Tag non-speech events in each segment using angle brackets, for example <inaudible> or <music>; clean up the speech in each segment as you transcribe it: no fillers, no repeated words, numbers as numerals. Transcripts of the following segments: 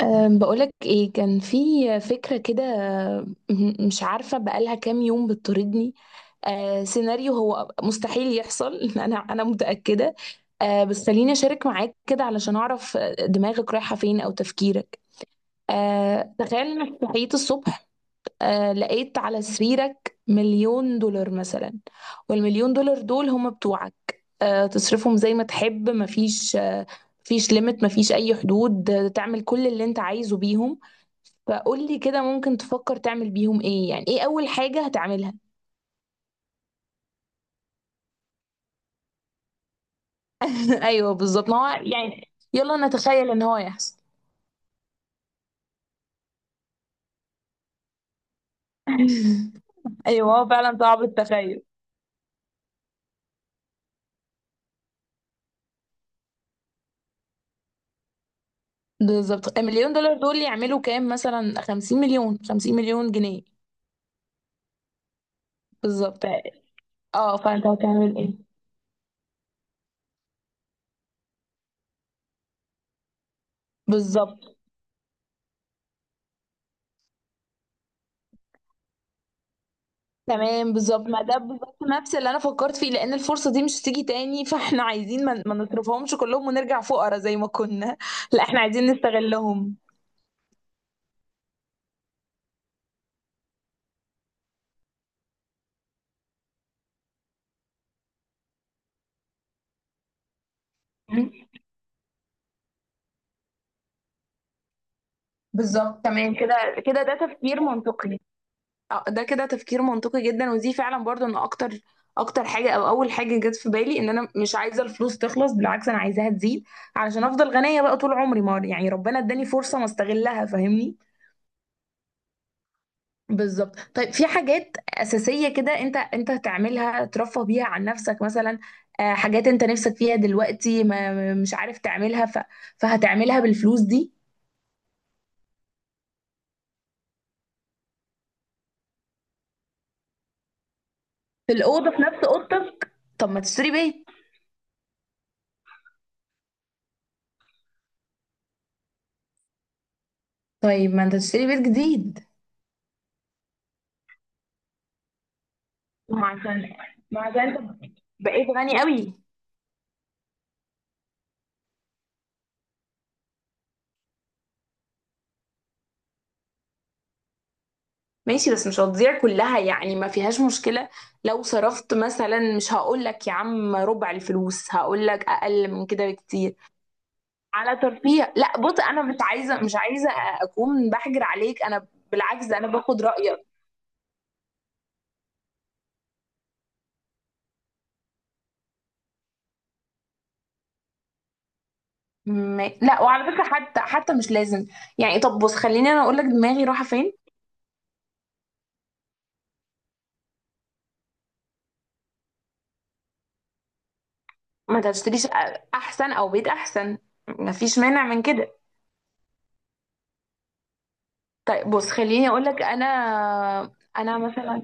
بقولك ايه، كان في فكرة كده. مش عارفة بقالها كام يوم بتطاردني. سيناريو هو مستحيل يحصل. <laughs> انا متأكدة. بس خليني اشارك معاك كده علشان اعرف دماغك رايحة فين او تفكيرك. تخيل انك صحيت الصبح. لقيت على سريرك مليون دولار مثلا، والمليون دولار دول هم بتوعك. تصرفهم زي ما تحب، مفيش مفيش ليميت، مفيش اي حدود، تعمل كل اللي انت عايزه بيهم. فقول لي كده، ممكن تفكر تعمل بيهم ايه؟ يعني ايه اول حاجة هتعملها؟ <laughs> ايوه بالظبط، ما هو يعني. يلا نتخيل ان هو يحصل. <laughs> ايوه، هو فعلا صعب التخيل. بالظبط، المليون دولار دول يعملوا كام مثلا؟ 50 مليون، 50 مليون جنيه. بالظبط. اه فانت هتعمل ايه؟ بالظبط، تمام. بالظبط، ما ده بالظبط نفس اللي انا فكرت فيه، لان الفرصة دي مش هتيجي تاني، فاحنا عايزين ما نصرفهمش كلهم ونرجع فقراء زي ما كنا. لا، احنا عايزين نستغلهم. بالظبط، تمام كده. كده ده تفكير منطقي. ده كده تفكير منطقي جدا، ودي فعلا برضو انا اكتر حاجه او اول حاجه جت في بالي، ان انا مش عايزه الفلوس تخلص، بالعكس انا عايزاها تزيد، علشان افضل غنيه بقى طول عمري. ما يعني ربنا اداني فرصه ما استغلها، فاهمني؟ بالظبط. طيب في حاجات اساسيه كده انت هتعملها ترفه بيها عن نفسك مثلا؟ حاجات انت نفسك فيها دلوقتي مش عارف تعملها، فهتعملها بالفلوس دي. في الاوضه، في نفس اوضتك. طب ما تشتري بيت. طيب ما انت تشتري بيت جديد. ما عشان ما عشان انت بقيت غني قوي. ماشي، بس مش هتضيع كلها يعني، ما فيهاش مشكلة. لو صرفت مثلا، مش هقول لك يا عم ربع الفلوس، هقول لك اقل من كده بكتير، على ترفيه. لا بص، انا مش عايزة اكون بحجر عليك، انا بالعكس، ده انا باخد رأيك. لا وعلى فكرة، حتى مش لازم يعني. طب بص، خليني انا اقول لك دماغي رايحة فين. ما انت هتشتري شقة احسن او بيت احسن، ما فيش مانع من كده. طيب بص، خليني اقول لك انا، انا مثلا.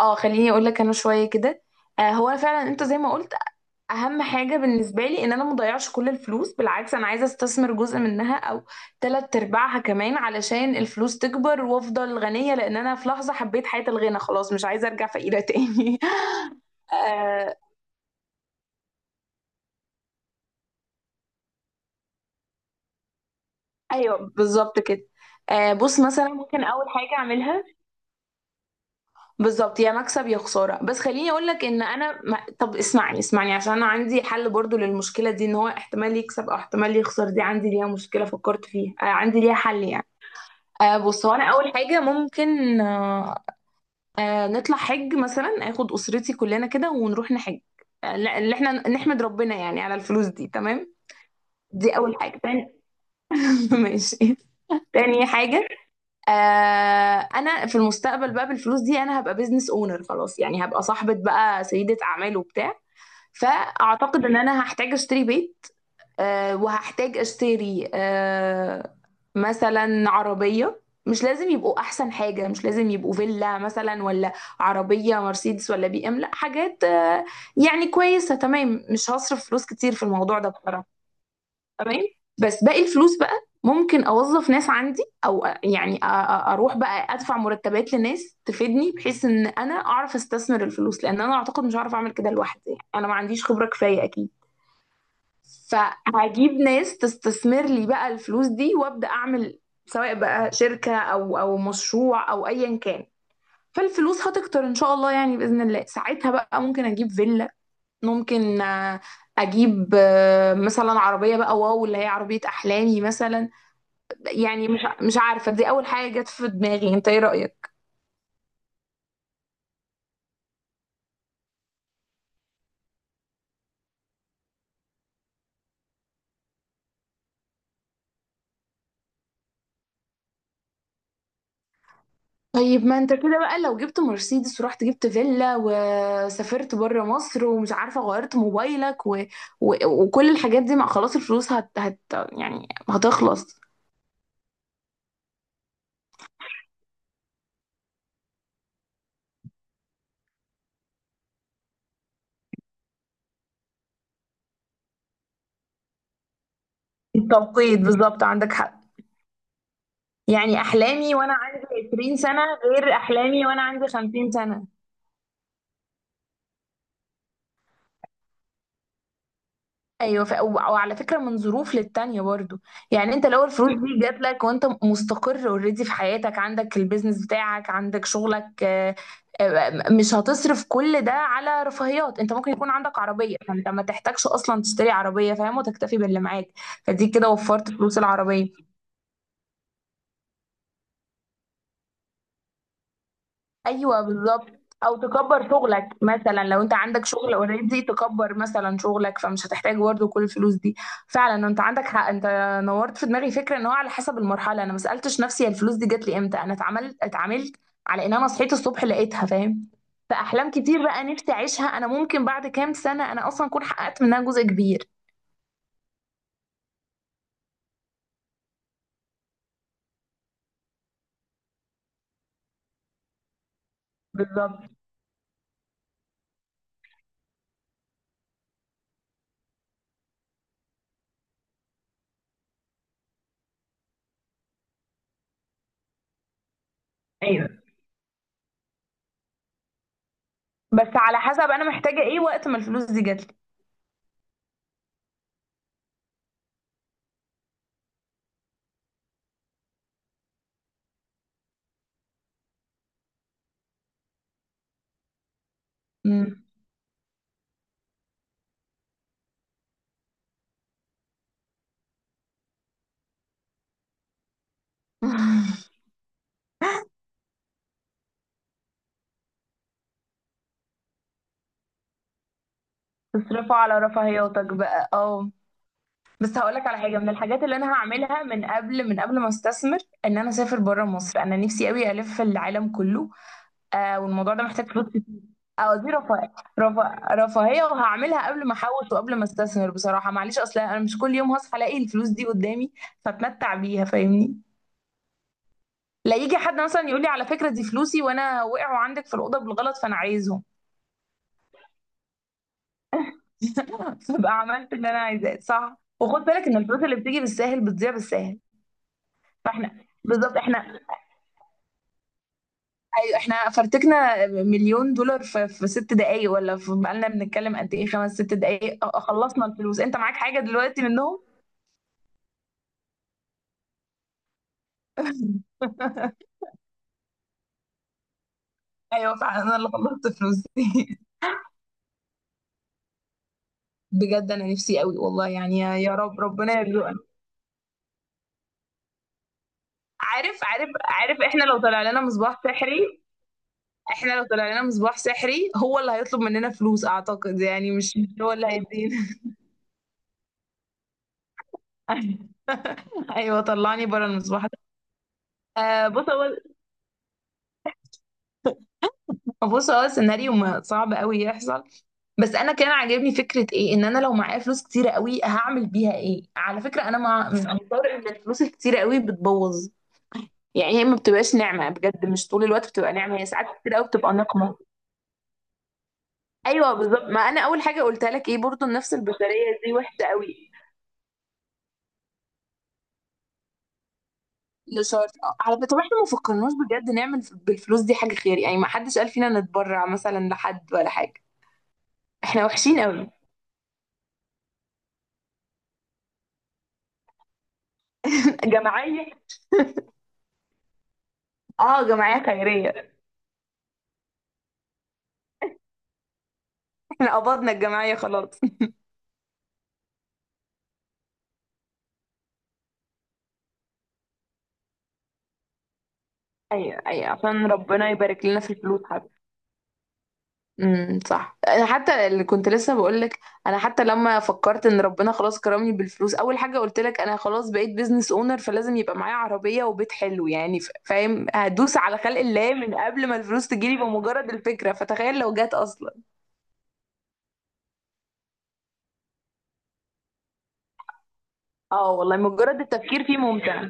اه خليني اقول لك انا شويه كده. هو أنا فعلا، انت زي ما قلت، اهم حاجه بالنسبه لي ان انا مضيعش كل الفلوس، بالعكس انا عايزه استثمر جزء منها او تلات ارباعها كمان، علشان الفلوس تكبر وافضل غنيه، لان انا في لحظه حبيت حياه الغنى، خلاص مش عايزه ارجع فقيره تاني. <laughs> آه. ايوه بالظبط كده. بص، مثلا ممكن اول حاجه اعملها، بالظبط يا مكسب يا خساره. بس خليني اقول لك ان انا ما... طب اسمعني، اسمعني، عشان انا عندي حل برضو للمشكله دي، ان هو احتمال يكسب او احتمال يخسر، دي عندي ليها مشكله فكرت فيها، عندي ليها حل يعني. بص هو، انا اول حاجه ممكن، نطلع حج مثلا، اخد اسرتي كلنا كده ونروح نحج. لا اللي احنا نحمد ربنا يعني على الفلوس دي، تمام. دي اول حاجه. تاني؟ <laughs> ماشي. تاني حاجه، آه انا في المستقبل بقى بالفلوس دي انا هبقى بيزنس اونر خلاص، يعني هبقى صاحبة بقى، سيدة اعمال وبتاع. فاعتقد ان انا هحتاج اشتري بيت، وهحتاج اشتري، مثلا عربية. مش لازم يبقوا احسن حاجة، مش لازم يبقوا فيلا مثلا، ولا عربية مرسيدس ولا بي ام، لا، حاجات يعني كويسة، تمام. مش هصرف فلوس كتير في الموضوع ده بصراحة. تمام. بس باقي الفلوس بقى، ممكن اوظف ناس عندي، او يعني اروح بقى ادفع مرتبات لناس تفيدني، بحيث ان انا اعرف استثمر الفلوس، لان انا اعتقد مش هعرف اعمل كده لوحدي يعني، انا ما عنديش خبرة كفاية اكيد. فهجيب ناس تستثمر لي بقى الفلوس دي، وابدا اعمل سواء بقى شركة، او مشروع، او ايا كان. فالفلوس هتكتر ان شاء الله يعني، باذن الله ساعتها بقى ممكن اجيب فيلا، ممكن اجيب مثلا عربيه بقى، واو، اللي هي عربيه احلامي مثلا. يعني مش عارفه، دي اول حاجه جت في دماغي. انت ايه رايك؟ طيب ما انت كده بقى لو جبت مرسيدس، ورحت جبت فيلا، وسافرت بره مصر، ومش عارفه غيرت موبايلك، و... و... وكل الحاجات دي، مع خلاص الفلوس يعني هتخلص. التوقيت، بالظبط عندك حق. يعني احلامي وانا عندي 20 سنه، غير احلامي وانا عندي 50 سنه. ايوه، ف... و- وعلى فكره من ظروف للتانيه برضو. يعني انت لو الفلوس دي جات لك وانت مستقر اوريدي في حياتك، عندك البيزنس بتاعك، عندك شغلك، مش هتصرف كل ده على رفاهيات، انت ممكن يكون عندك عربيه، فانت ما تحتاجش اصلا تشتري عربيه فاهم، وتكتفي باللي معاك. فدي كده وفرت فلوس العربيه. ايوه، بالظبط. او تكبر شغلك مثلا، لو انت عندك شغل اوريدي تكبر مثلا شغلك، فمش هتحتاج برضه كل الفلوس دي. فعلا انت عندك حق. انت نورت في دماغي فكره، ان هو على حسب المرحله. انا ما سالتش نفسي هي الفلوس دي جات لي امتى، انا اتعاملت على ان انا صحيت الصبح لقيتها، فاهم؟ فاحلام كتير بقى نفسي اعيشها، انا ممكن بعد كام سنه انا اصلا اكون حققت منها جزء كبير. بالظبط. ايوه، بس على حسب انا محتاجه ايه وقت ما الفلوس دي جات لي. مم. <laughs> تصرفوا على رفاهياتك بقى، اه. بس هقولك على حاجه من الحاجات اللي انا هعملها، من قبل ما استثمر، ان انا اسافر بره مصر. انا نفسي قوي الف العالم كله. والموضوع ده محتاج فلوس كتير. اه دي رفاهيه، رفاهيه، وهعملها قبل ما احوش وقبل ما استثمر بصراحه، معلش اصل انا مش كل يوم هصحى الاقي الفلوس دي قدامي، فاتمتع بيها، فاهمني؟ لا يجي حد مثلا يقول لي على فكره دي فلوسي وانا وقعوا عندك في الاوضه بالغلط فانا عايزهم. <laughs> فبقى عملت اللي انا عايزاه، صح؟ وخد بالك ان الفلوس اللي بتيجي بالساهل بتضيع بالساهل. فاحنا بالظبط، احنا، ايوه احنا فرتكنا مليون دولار في ست دقايق، ولا في، بقالنا بنتكلم قد ايه، خمس ست دقايق، خلصنا الفلوس. انت معاك حاجة دلوقتي منهم؟ <laughs> ايوه فعلا، انا اللي خلصت فلوس دي. <laughs> بجد انا نفسي قوي والله يعني، يا يا رب ربنا يرزقنا. عارف، عارف، عارف، احنا لو طلع لنا مصباح سحري، احنا لو طلع لنا مصباح سحري، هو اللي هيطلب مننا فلوس اعتقد يعني، مش هو اللي هيدينا. <laughs> ايوه، طلعني بره المصباح. آه بص هو بص هو السيناريو صعب قوي يحصل. بس انا كان عاجبني فكره ايه، ان انا لو معايا فلوس كتيره قوي هعمل بيها ايه. على فكره انا مع، من انصار ان الفلوس الكتيره قوي بتبوظ، يعني هي ما بتبقاش نعمه بجد، مش طول الوقت بتبقى نعمه، هي ساعات كتير قوي بتبقى نقمه. ايوه بالظبط، ما انا اول حاجه قلتها لك، ايه برضو النفس البشريه دي وحشه قوي. لشرط، على فكره، طب احنا ما فكرناش بجد نعمل بالفلوس دي حاجه خير يعني، ما حدش قال فينا نتبرع مثلا لحد ولا حاجه. احنا وحشين قوي. <laughs> جمعيه. اه جمعيه خيريه. احنا قبضنا الجمعية خلاص. ايوه، ايوه، عشان ربنا يبارك لنا في الفلوس حتى. صح، انا حتى اللي كنت لسه بقولك، انا حتى لما فكرت ان ربنا خلاص كرمني بالفلوس، اول حاجة قلت لك انا خلاص بقيت بيزنس اونر، فلازم يبقى معايا عربية وبيت حلو يعني. فاهم؟ هدوس على خلق الله من قبل ما الفلوس تجيلي، بمجرد الفكرة، فتخيل لو جت اصلا. اه والله مجرد التفكير فيه ممتع.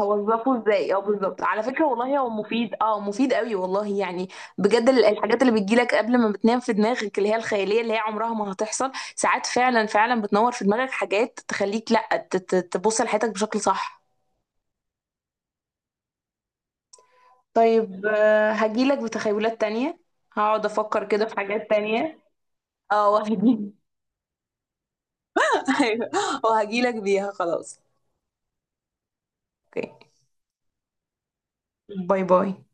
هوظفه ازاي؟ اه بالظبط. على فكره والله هو مفيد، اه مفيد قوي والله يعني. بجد الحاجات اللي بتجيلك قبل ما بتنام في دماغك، اللي هي الخياليه، اللي هي عمرها ما هتحصل، ساعات فعلا بتنور في دماغك حاجات، تخليك لا تبص لحياتك بشكل صح. طيب، هجيلك بتخيلات تانية، هقعد افكر كده في حاجات تانية. اه وهجي. <laughs> ايوه، وهجيلك بيها خلاص. اوكي. باي باي.